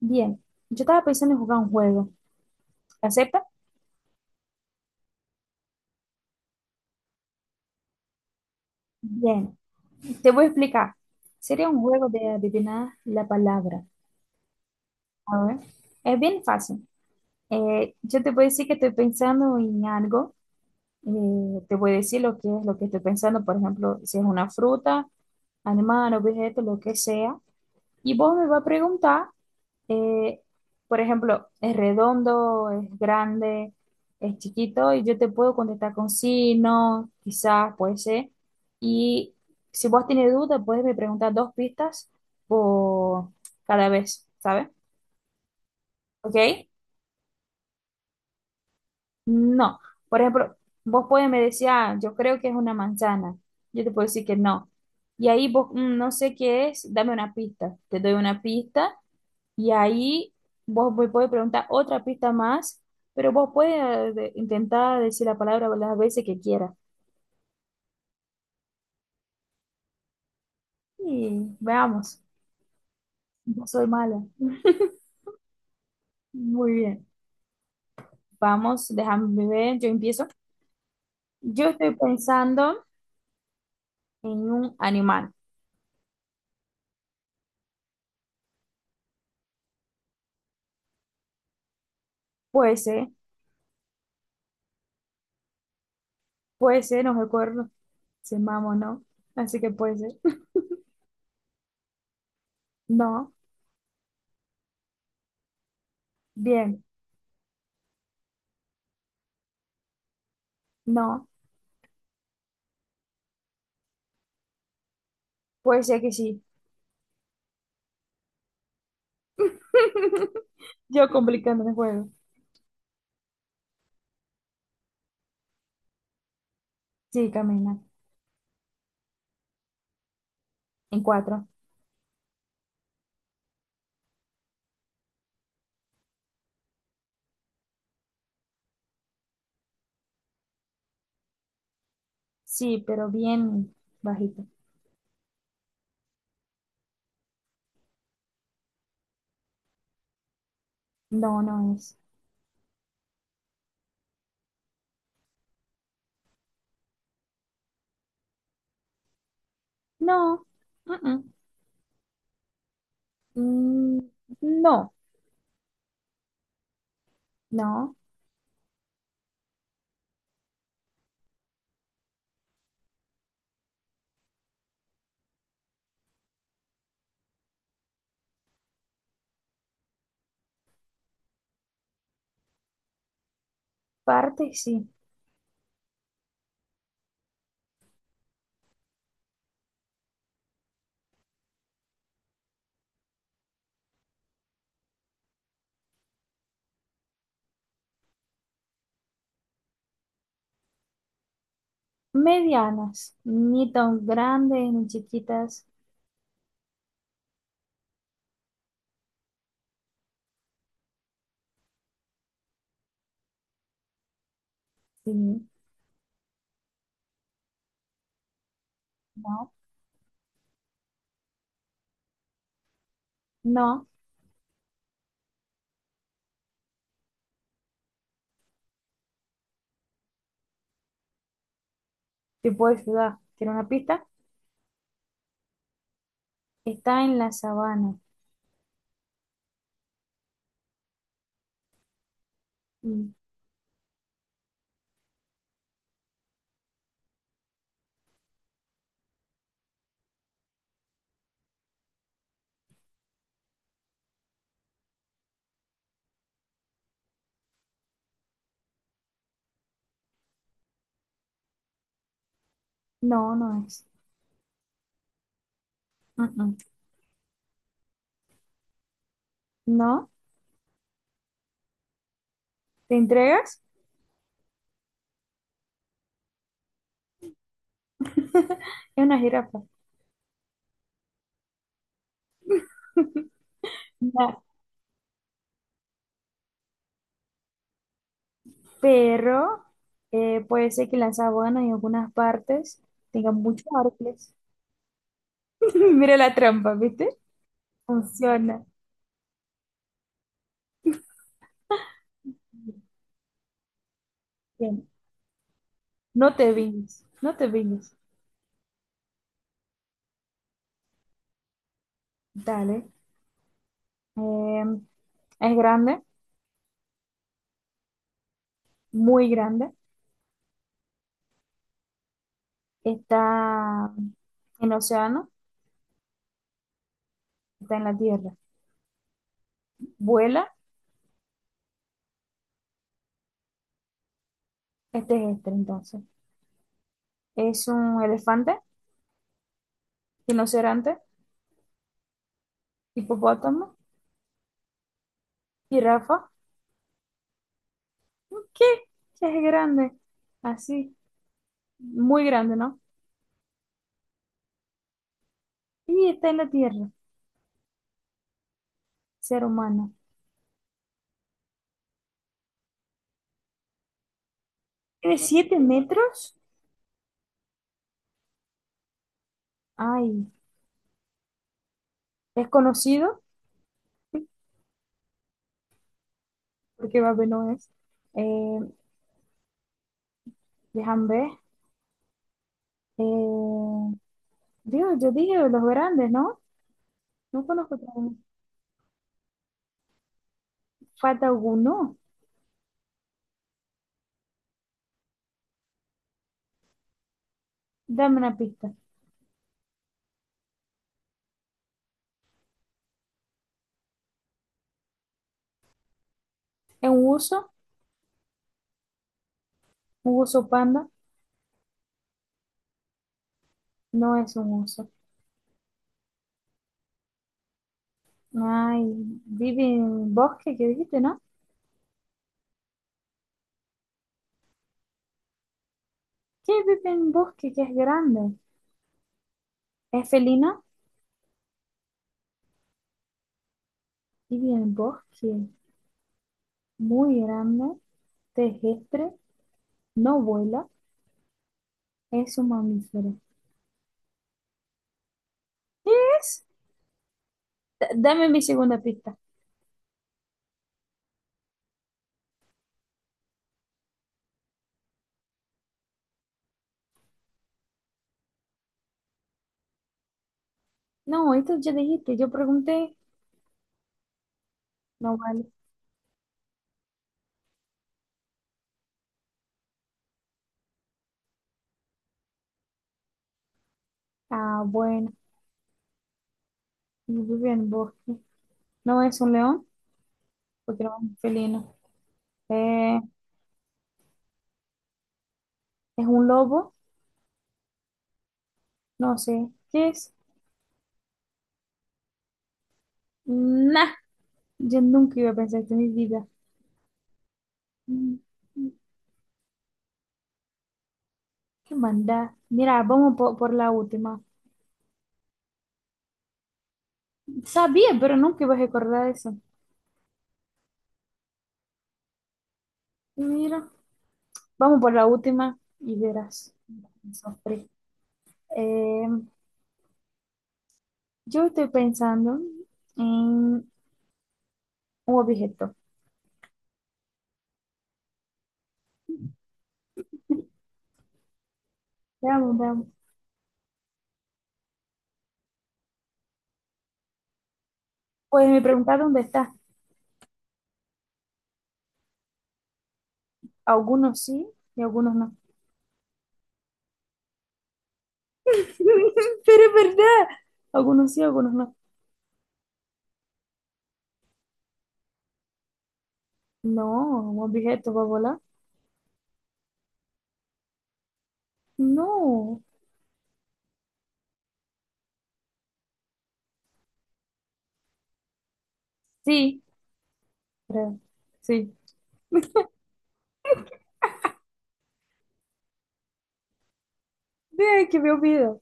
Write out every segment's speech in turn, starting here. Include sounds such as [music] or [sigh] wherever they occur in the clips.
Bien, yo estaba pensando en jugar un juego. ¿Acepta? Bien, te voy a explicar. Sería un juego de adivinar la palabra. A ver, es bien fácil. Yo te voy a decir que estoy pensando en algo. Te voy a decir lo que es lo que estoy pensando. Por ejemplo, si es una fruta, animal, objeto, lo que sea. Y vos me vas a preguntar, eh, por ejemplo, es redondo, es grande, es chiquito, y yo te puedo contestar con sí, no, quizás, puede ser. Y si vos tienes duda, puedes me preguntar dos pistas por cada vez, ¿sabes? ¿Ok? No. Por ejemplo, vos puedes me decir, ah, yo creo que es una manzana. Yo te puedo decir que no. Y ahí vos, "Mm, no sé qué es, dame una pista." Te doy una pista. Y ahí vos me podés preguntar otra pista más, pero vos puedes intentar decir la palabra las veces que quieras. Y veamos, yo soy mala. Muy bien, vamos, déjame ver, yo empiezo. Yo estoy pensando en un animal. Puede ser, no recuerdo si es mamá o no, así que puede ser. No, bien, no, puede ser que sí. [laughs] Yo complicando el juego. Sí, camina. En cuatro. Sí, pero bien bajito. No, no es. No. mm, mm, no, no. Partes sí. Medianas. Ni tan grandes ni chiquitas. Sí. No, no. Te puedo ayudar. ¿Quieres una pista? Está en la sabana. Mm, No, no es. Mm, mm. No. ¿Te entregas? Es una jirafa. No, pero puede ser que la sabana en algunas partes tenga muchos árboles. [laughs] Mira la trampa, ¿viste? Funciona. Bien. No te viñes, no te viñes. Dale. Eh, es grande, muy grande. Está en océano, está en la tierra. Vuela, este es este entonces. Es un elefante, rinoceronte, hipopótamo, jirafa. ¿Qué? ¿Qué es grande? Así, muy grande, ¿no? Y está en la tierra, ser humano. Tiene 7 metros. Ay, es conocido, porque Babe no es. Eh, Déjame ver. Eh, Dios, yo dije los grandes, ¿no? No conozco tan- Falta alguno. Dame una pista. ¿Es un uso? ¿Un uso panda? No es un uso. Ay, vive en bosque, que dijiste, ¿no? ¿Qué vive en bosque que es grande? ¿Es felina? Vive en bosque, muy grande, terrestre, no vuela, es un mamífero. ¿Qué es? Dame mi segunda pista. No, esto ya dijiste, yo pregunté. No vale. Ah, bueno, y vive en bosque. No es un león, porque no es un felino. Eh, es un lobo, no sé. ¿Qué es? Nah, yo nunca iba a pensar esto en mi vida. Mm, ¿Qué maldad? Mira, vamos por la última. Sabía, pero nunca iba a recordar eso. Mira, vamos por la última y verás. Sofre. Eh, yo estoy pensando en un objeto. Veamos, veamos. Pues me pregunta dónde está. Algunos sí y algunos no. [laughs] Pero es verdad. Algunos sí, algunos no. No, un objeto va a volar. No. Sí, creo. Sí. Ve que me olvido.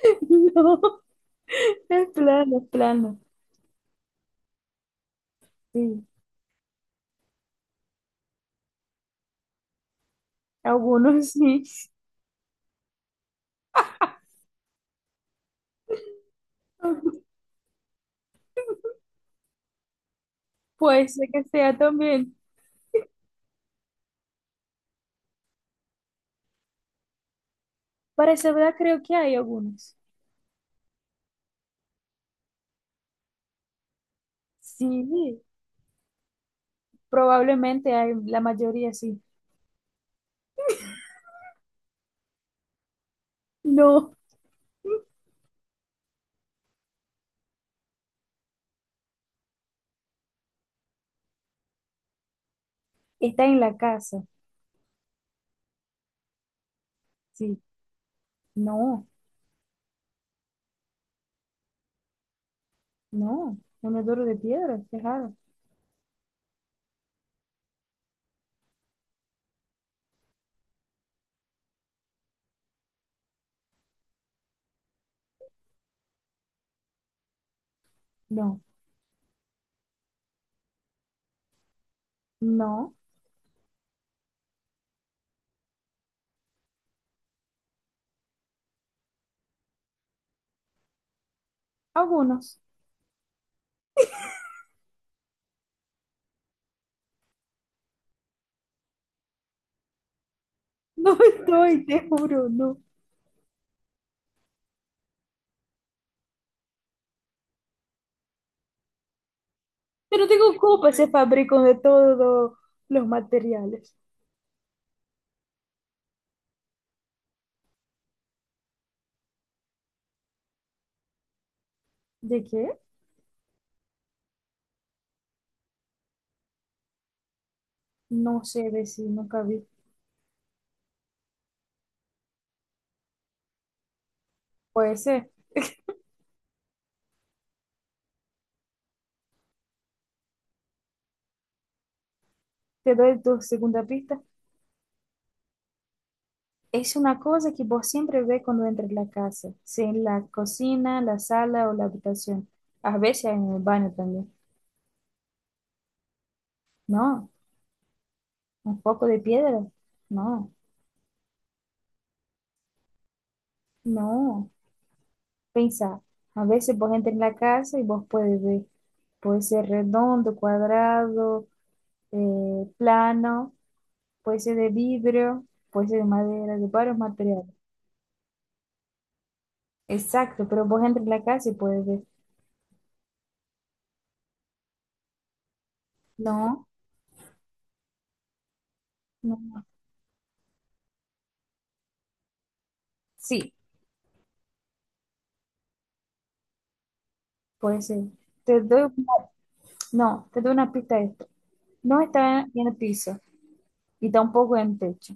[laughs] No, es plano, es plano. Sí, algunos sí. [laughs] Puede ser que sea también. Para esa verdad creo que hay algunos. Sí, probablemente hay, la mayoría sí. No, está en la casa. Sí, no, no. Un duro de piedra, qué raro. No, no, algunos. [laughs] No estoy, te juro, no. Pero tengo copas, se fabrican de todos los materiales. ¿De qué? No sé decir, nunca vi. Puede ser. Te doy tu segunda pista. Es una cosa que vos siempre ves cuando entras en la casa, sea en la cocina, la sala o la habitación. A veces en el baño también. No, un poco de piedra. No, no. Pensá, a veces vos entras en la casa y vos puedes ver. Puede ser redondo, cuadrado, plano, puede ser de vidrio, puede ser de madera, de varios materiales. Exacto, pero vos entras en la casa y puedes ver. No, no, no. Sí, puede ser. Te doy una, no, te doy una pista de esto. No está en el piso y tampoco en el techo.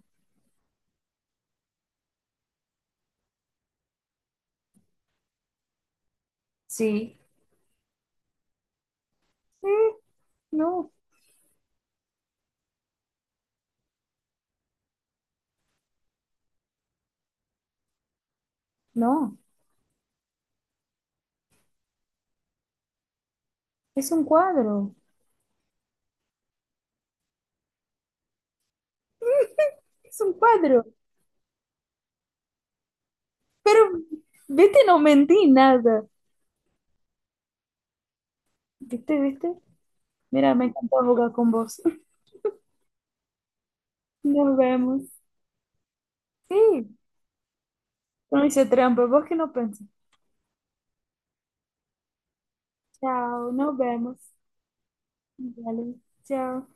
Sí, sí, no, no. Es un cuadro. [laughs] Es un cuadro. Pero, viste, no mentí nada. ¿Viste, viste? Mira, me encantó jugar con vos. [laughs] Nos vemos. Sí. Então, isso é trampa, vou que não pensa. Tchau, nos vemos. Vale, tchau.